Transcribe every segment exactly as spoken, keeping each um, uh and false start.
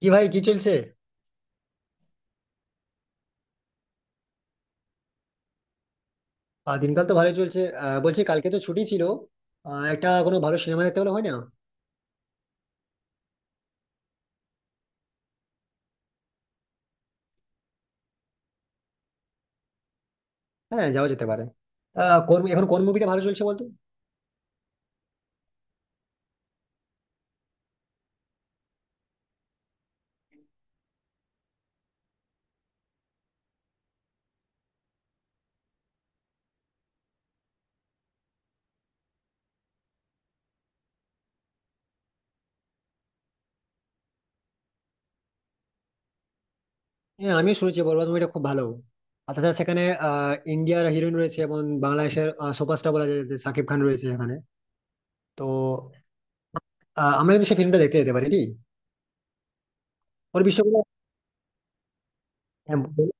কি ভাই, কি চলছে? আহ, দিনকাল তো ভালোই চলছে। আহ, বলছি কালকে তো ছুটি ছিল। আহ, একটা কোনো ভালো সিনেমা দেখতে হলে হয় না? হ্যাঁ, যাওয়া যেতে পারে। আহ, কোন এখন কোন মুভিটা ভালো চলছে বলতো? হ্যাঁ, আমিও শুনেছি বরবাদ মুভিটা খুব ভালো। আর তাছাড়া সেখানে আহ ইন্ডিয়ার হিরোইন রয়েছে এবং বাংলাদেশের সুপারস্টার বলা যায় যে শাকিব খান রয়েছে এখানে। তো আহ, আমরা কিন্তু সেই ফিল্মটা দেখতে যেতে পারি কি? ওর বিষয়গুলো। হ্যাঁ, বল।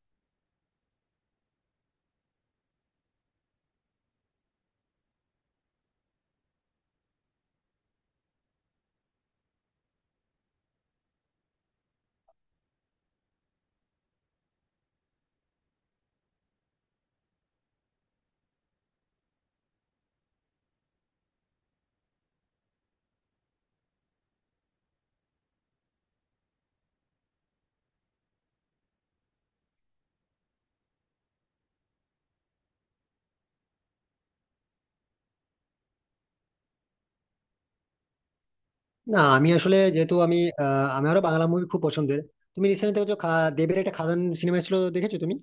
না, আমি আসলে যেহেতু আমি আহ, আমারও বাংলা মুভি খুব পছন্দের। তুমি রিসেন্ট দেখেছো খা- দেবের একটা খাদান সিনেমা ছিল, দেখেছো তুমি?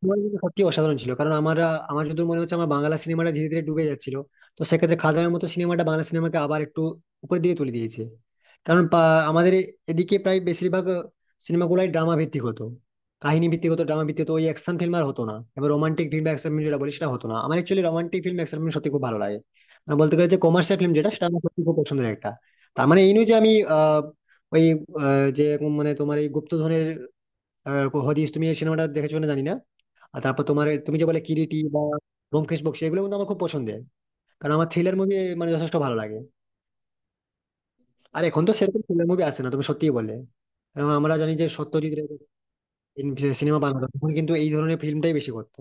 তোমার কিন্তু সত্যি অসাধারণ ছিল, কারণ আমরা আমার যদি মনে হচ্ছে আমার বাংলা সিনেমাটা ধীরে ধীরে ডুবে যাচ্ছিল। তো সেক্ষেত্রে খাদানের মতো সিনেমাটা বাংলা সিনেমাকে আবার একটু উপরের দিকে তুলে দিয়েছে। কারণ পা- আমাদের এদিকে প্রায় বেশিরভাগ সিনেমাগুলাই ড্রামা ভিত্তিক হতো, কাহিনী ভিত্তিক হতো, ড্রামা ভিত্তিক হতো, ওই অ্যাকশন ফিল্ম আর হতো না। এবার রোমান্টিক ফিল্ম বা অ্যাকশন ফিল্ম যেটা বলি সেটা হতো না। আমার actually romantic film action film সত্যি খুব ভালো লাগে। মানে বলতে গেলে যে কমার্শিয়াল ফিল্ম যেটা, সেটা আমার সত্যি খুব পছন্দের একটা। তার মানে এই নয় যে আমি আহ ওই আহ, যে মানে তোমার এই গুপ্তধনের আহ, হদিস, তুমি এই সিনেমাটা দেখেছো না জানি না। আর তারপর তোমার এই- তুমি যে বলে কিরিটি বা ব্যোমকেশ বক্সী, এগুলো কিন্তু আমার খুব পছন্দের। কারণ আমার থ্রিলার মুভি মানে যথেষ্ট ভালো লাগে। আর এখন তো সেরকম থ্রিলার মুভি আসে না, তুমি সত্যিই বলে। কারণ আমরা জানি যে সত্যজিৎ রে সিনেমা বানাতো তখন কিন্তু এই ধরনের ফিল্মটাই বেশি করতো।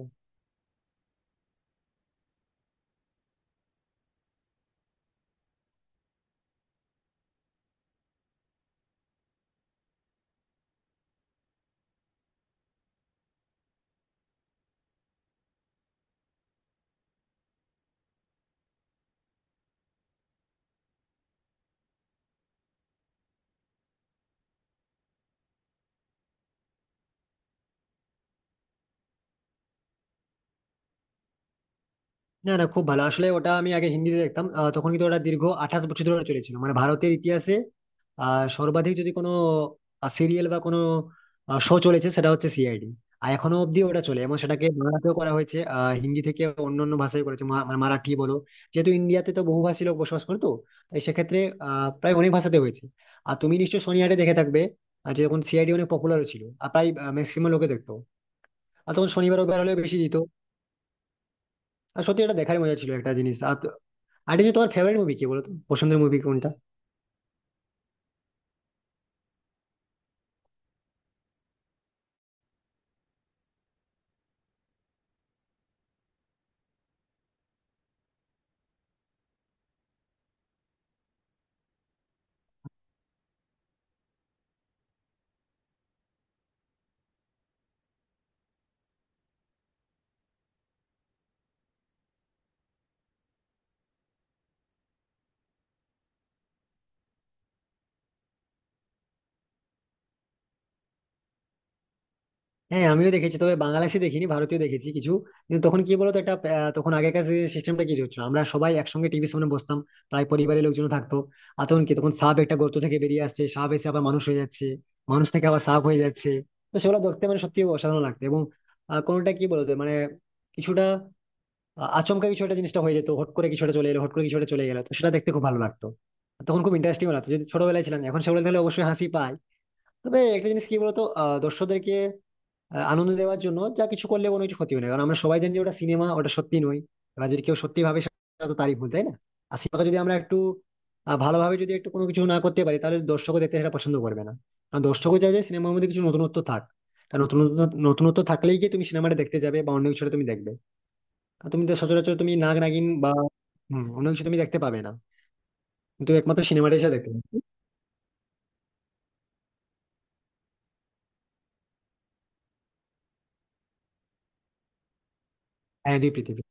না না, খুব ভালো, আসলে ওটা আমি আগে হিন্দিতে দেখতাম। আহ, তখন কিন্তু ওটা দীর্ঘ আঠাশ বছর ধরে চলেছিল, মানে ভারতের ইতিহাসে আহ সর্বাধিক যদি কোনো সিরিয়াল বা কোনো শো চলেছে সেটা হচ্ছে সিআইডি। আর এখনো অব্দি ওটা চলে এবং সেটাকে বাংলাতেও করা হয়েছে। আহ, হিন্দি থেকে অন্য অন্য ভাষায় করেছে, মা- মানে মারাঠি বলো, যেহেতু ইন্ডিয়াতে তো বহুভাষী লোক বসবাস করতো, তাই সেক্ষেত্রে আহ, প্রায় অনেক ভাষাতে হয়েছে। আর তুমি নিশ্চয়ই শনিবারে দেখে থাকবে। আর যে যখন সিআইডি অনেক পপুলার ছিল আর প্রায় ম্যাক্সিমাম লোকে দেখতো, আর তখন শনিবার রবিবার হলে বেশি দিত। আর সত্যি এটা দেখার মজা ছিল, একটা জিনিস। আর যে তোমার ফেভারিট মুভি কি বলতো, পছন্দের মুভি কোনটা? হ্যাঁ, আমিও দেখেছি, তবে বাংলাদেশি দেখিনি, ভারতীয় দেখেছি কিছু। কিন্তু তখন কি বলতো, একটা আহ, তখন আগেকার সিস্টেমটা কি হচ্ছিল, আমরা সবাই একসঙ্গে টিভির সামনে বসতাম, প্রায় পরিবারের লোকজন থাকতো। আর তখন কি, তখন সাপ একটা গর্ত থেকে বেরিয়ে আসছে, সাপ এসে আবার মানুষ হয়ে যাচ্ছে, মানুষ থেকে আবার সাপ হয়ে যাচ্ছে। তো সেগুলো দেখতে মানে সত্যি অসাধারণ লাগতো। এবং আহ, কোনোটা কি বলতো, মানে কিছুটা আহ, আচমকা কিছু একটা জিনিসটা হয়ে যেত, হট করে কিছুটা চলে এলো, হট করে কিছুটা চলে গেলো, তো সেটা দেখতে খুব ভালো লাগতো। তখন খুব ইন্টারেস্টিং লাগতো, যদি ছোটবেলায় ছিলাম। এখন সেগুলো দেখলে অবশ্যই হাসি পায়। তবে একটা জিনিস কি বলতো, আহ, দর্শকদেরকে আহ, আনন্দ দেওয়ার জন্য যা কিছু করলে কোনো কিছু ক্ষতি হয় না, কারণ আমরা সবাই জানি যে ওটা সিনেমা, ওটা সত্যি নয়। এবার যদি কেউ সত্যি ভাবে, সেটা তো তারই ভুল, তাই না? আর সিনেমাকে যদি আমরা একটু আহ, ভালোভাবে যদি একটু কোনো কিছু না করতে পারি, তাহলে দর্শকও দেখতে সেটা পছন্দ করবে না। কারণ দর্শকও চাই যে সিনেমার মধ্যে কিছু নতুনত্ব থাক। কারণ নতুনত্ব নতুনত্ব থাকলেই গিয়ে তুমি সিনেমাটা দেখতে যাবে বা অন্য কিছুটা তুমি দেখবে। কারণ তুমি তো সচরাচর তুমি নাগ নাগিন বা হম অন্য কিছু তুমি দেখতে পাবে না, কিন্তু একমাত্র সিনেমাটাই এসে দেখতে পাবে। হ্যাঁ, দুই পৃথিবী।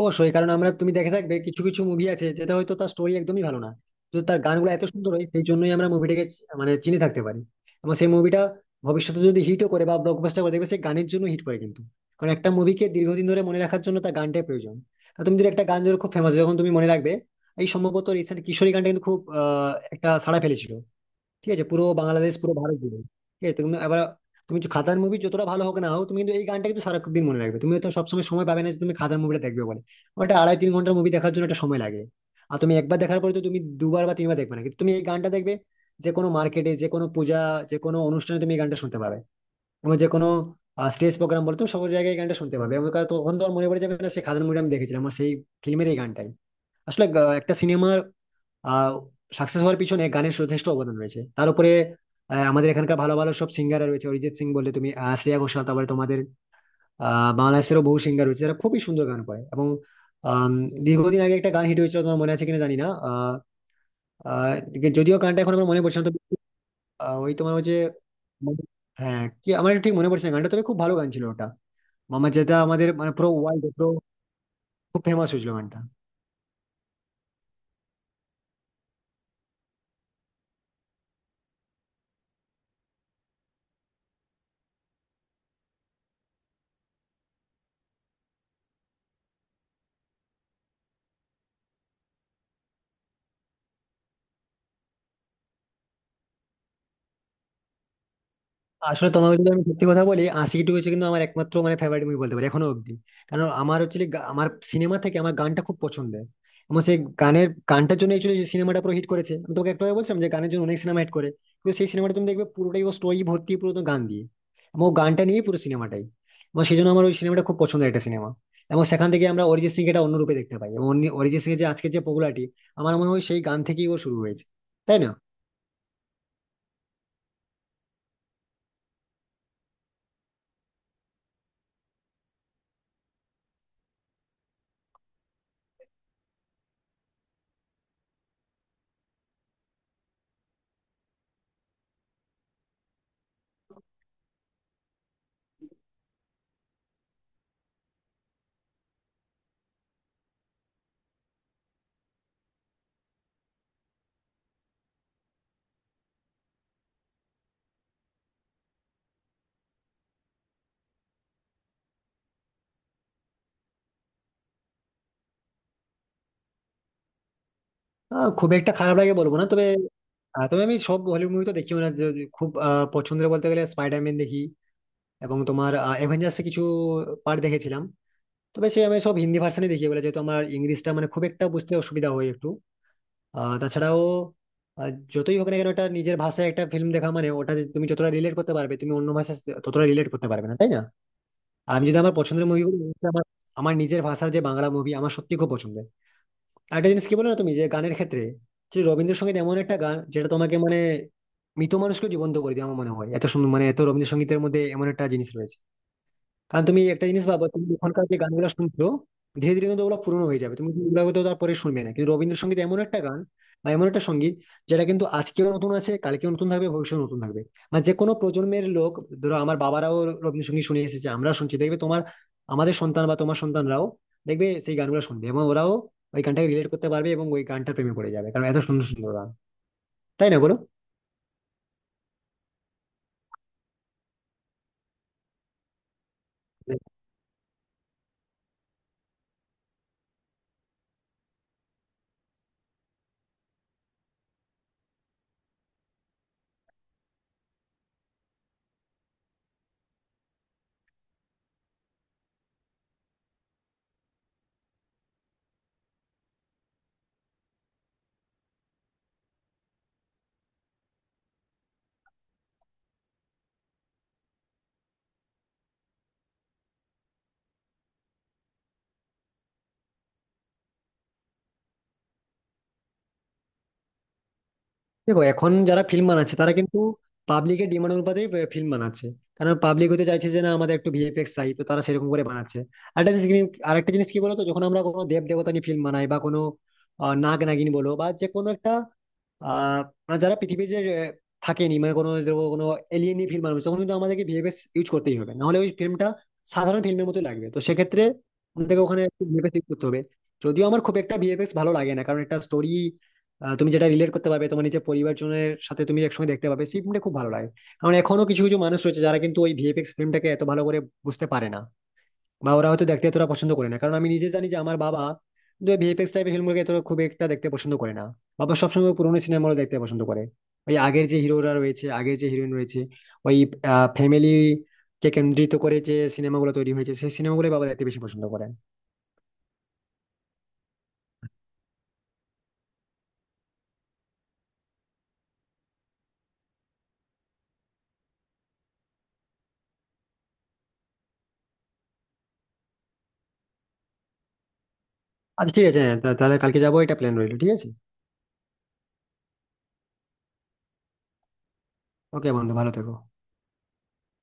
অবশ্যই, কারণ আমরা তুমি দেখে থাকবে কিছু কিছু মুভি আছে যেটা হয়তো তার স্টোরি একদমই ভালো না, তো তার গানগুলো এত সুন্দর হয় সেই জন্যই আমরা মুভিটাকে মানে চিনে থাকতে পারি। এবং সেই মুভিটা ভবিষ্যতে যদি হিটও করে বা ব্লকবাস্টার করে, দেখবে সেই গানের জন্য হিট করে কিন্তু। কারণ একটা মুভিকে দীর্ঘদিন ধরে মনে রাখার জন্য তার গানটাই প্রয়োজন। তা তুমি যদি একটা গান যখন খুব ফেমাস, যখন তুমি মনে রাখবে এই, সম্ভবত রিসেন্ট কিশোরী গানটা কিন্তু খুব আহ, একটা সাড়া ফেলেছিল, ঠিক আছে, পুরো বাংলাদেশ পুরো ভারত জুড়ে। ঠিক আছে তুমি এবার, তুমি যে খাদার মুভি যতটা ভালো হোক না হোক, তুমি কিন্তু এই গানটা কিন্তু সারাদিন মনে রাখবে। তুমি তো সবসময় সময় পাবে না যে তুমি খাদার মুভিটা দেখবে বলে। ওটা আড়াই তিন ঘন্টার মুভি, দেখার জন্য একটা সময় লাগে। আর তুমি একবার দেখার পরে তো তুমি দুবার বা তিনবার দেখবে না, কিন্তু তুমি এই গানটা দেখবে। যে কোনো মার্কেটে, যে কোনো পূজা, যে কোনো অনুষ্ঠানে তুমি এই গানটা শুনতে পাবে। এবং যে কোনো স্টেজ প্রোগ্রাম বলে তুমি সব জায়গায় এই গানটা শুনতে পাবে, এবং কারণ তখন তো আর মনে পড়ে যাবে না সেই খাদার মুভিটা আমি দেখেছিলাম আমার সেই ফিল্মের, এই গানটাই আসলে আহ, একটা সিনেমার আহ সাকসেস হওয়ার পিছনে গানের যথেষ্ট অবদান রয়েছে। তার উপরে আহ, আমাদের এখানকার ভালো ভালো সব সিঙ্গার রয়েছে অরিজিৎ সিং বলে, তুমি আহ, শ্রেয়া ঘোষাল, তারপরে তোমাদের আহ বাংলাদেশেরও বহু সিঙ্গার রয়েছে যারা খুবই সুন্দর গান করে। এবং আম, দীর্ঘদিন আগে একটা গান হিট হয়েছিল, তোমার মনে আছে কিনা জানি না। আহ আহ, যদিও গানটা এখন আমার মনে পড়ছে না, তবে আহ, ওই তোমার হচ্ছে, হ্যাঁ কি, আমার ঠিক মনে পড়ছে না গানটা, তবে খুব ভালো গান ছিল ওটা। আমার যেটা আমাদের মানে পুরো ওয়ার্ল্ড পুরো খুব ফেমাস হয়েছিল গানটা। আসলে তোমাকে যদি আমি সত্যি কথা বলি, আশিকি টু হচ্ছে কিন্তু আমার একমাত্র মানে ফেভারিট মুভি বলতে পারি এখনো অব্দি। কারণ আমার অ্যাকচুয়ালি আমার সিনেমা থেকে আমার গানটা খুব পছন্দের। এবং সেই গানের গানটার জন্য অ্যাকচুয়ালি যে সিনেমাটা পুরো হিট করেছে। আমি তোমাকে একটু আগে বলছিলাম যে গানের জন্য অনেক সিনেমা হিট করে, কিন্তু সেই সিনেমাটা তুমি দেখবে পুরোটাই ও স্টোরি ভর্তি পুরো তো গান দিয়ে। এবং ও গানটা নিয়ে পুরো সিনেমাটাই। এবং সেই জন্য আমার ওই সিনেমাটা খুব পছন্দের একটা সিনেমা। এবং সেখান থেকে আমরা অরিজিৎ সিং এটা অন্য রূপে দেখতে পাই, এবং অরিজিৎ সিং এর যে আজকে যে পপুলারিটি, আমার মনে হয় সেই গান থেকেই ওর শুরু হয়েছে, তাই না? আহ, খুব একটা খারাপ লাগে বলবো না, তবে আহ, তবে আমি সব হলিউড মুভি তো দেখিও না, যে খুব আহ, পছন্দের বলতে গেলে স্পাইডারম্যান দেখি। এবং তোমার অ্যাভেঞ্জার্স কিছু পার্ট দেখেছিলাম। তবে সে আমি সব হিন্দি ভার্সানে দেখি বলে, যেহেতু আমার ইংলিশটা মানে খুব একটা বুঝতে অসুবিধা হয় একটু। আহ, তাছাড়াও আহ, যতই হোক না কেন একটা নিজের ভাষায় একটা ফিল্ম দেখা মানে ওটা তুমি যতটা রিলেট করতে পারবে, তুমি অন্য ভাষায় ততটা রিলেট করতে পারবে না, তাই না? আর আমি যদি আমার পছন্দের মুভি বলি, আমার আমার নিজের ভাষার যে বাংলা মুভি আমার সত্যি খুব পছন্দের। আরেকটা জিনিস কি বলো না, তুমি যে গানের ক্ষেত্রে যে রবীন্দ্রসঙ্গীত এমন একটা গান যেটা তোমাকে মানে মৃত মানুষকে জীবন্ত করে দেয়, আমার মনে হয় এত সুন্দর, মানে এত রবীন্দ্রসঙ্গীতের মধ্যে এমন একটা জিনিস রয়েছে। কারণ তুমি একটা জিনিস ভাবো, তুমি এখনকার যে গানগুলো শুনছো ধীরে ধীরে কিন্তু ওগুলো পুরনো হয়ে যাবে, তুমি কিন্তু ওগুলো তো তারপরে শুনবে না। কিন্তু রবীন্দ্রসঙ্গীত এমন একটা গান বা এমন একটা সঙ্গীত যেটা কিন্তু আজকেও নতুন আছে, কালকেও নতুন থাকবে, ভবিষ্যতেও নতুন থাকবে। মানে যে কোনো প্রজন্মের লোক, ধরো আমার বাবারাও রবীন্দ্রসঙ্গীত শুনে এসেছে, আমরা শুনছি, দেখবে তোমার আমাদের সন্তান বা তোমার সন্তানরাও দেখবে সেই গানগুলো শুনবে, এবং ওরাও ওই গানটাকে রিলেট করতে পারবে এবং ওই গানটার প্রেমে পড়ে যাবে, কারণ এত সুন্দর সুন্দর গান, তাই না বলো? দেখো এখন যারা ফিল্ম বানাচ্ছে তারা কিন্তু পাবলিকের ডিমান্ড অনুপাতে ফিল্ম বানাচ্ছে। কারণ পাবলিক হতে চাইছে যে না আমাদের একটু ভিএফএক্স চাই, তো তারা সেরকম করে বানাচ্ছে। আরেকটা জিনিস কি- আরেকটা জিনিস কি বলতো, যখন আমরা কোনো দেব দেবতা নিয়ে ফিল্ম বানাই বা কোনো আহ, নাগ নাগিন বলো বা যে কোনো একটা আহ মানে যারা পৃথিবীর যে আহ, থাকেনি মানে কোনো ধরো কোনো এলিয়েনই ফিল্ম বানাবে, তখন কিন্তু আমাদেরকে ভিএফএক্স ইউজ করতেই হবে, নাহলে ওই ফিল্মটা সাধারণ ফিল্মের মতো লাগবে। তো সেক্ষেত্রে আমাদেরকে ওখানে ভিএফএক্স ইউজ করতে হবে। যদিও আমার খুব একটা ভিএফএক্স ভালো লাগে না, কারণ একটা স্টোরি তুমি যেটা রিলেট করতে পারবে তোমার নিজের পরিবারজনের সাথে তুমি একসঙ্গে দেখতে পাবে, সেই ফিল্মটা খুব ভালো লাগে। কারণ এখনো কিছু কিছু মানুষ রয়েছে যারা কিন্তু ওই ভিএফএক্স ফিল্মটাকে এত ভালো করে বুঝতে পারে না, বা ওরা হয়তো দেখতে এতটা পছন্দ করে না, কারণ আমি নিজে জানি যে আমার বাবা কিন্তু ভিএফএক্স টাইপের ফিল্মগুলোকে এতটা খুব একটা দেখতে পছন্দ করে না। বাবা সবসময় পুরোনো সিনেমা দেখতে পছন্দ করে, ওই আগের যে হিরোরা রয়েছে, আগের যে হিরোইন রয়েছে, ওই ফ্যামিলি কে কেন্দ্রিত করে যে সিনেমাগুলো তৈরি হয়েছে সেই সিনেমাগুলো বাবা দেখতে বেশি পছন্দ করে। আচ্ছা ঠিক আছে, হ্যাঁ তা- তাহলে কালকে যাবো, এটা প্ল্যান রইলো, ঠিক আছে। ওকে বন্ধু, ভালো থেকো।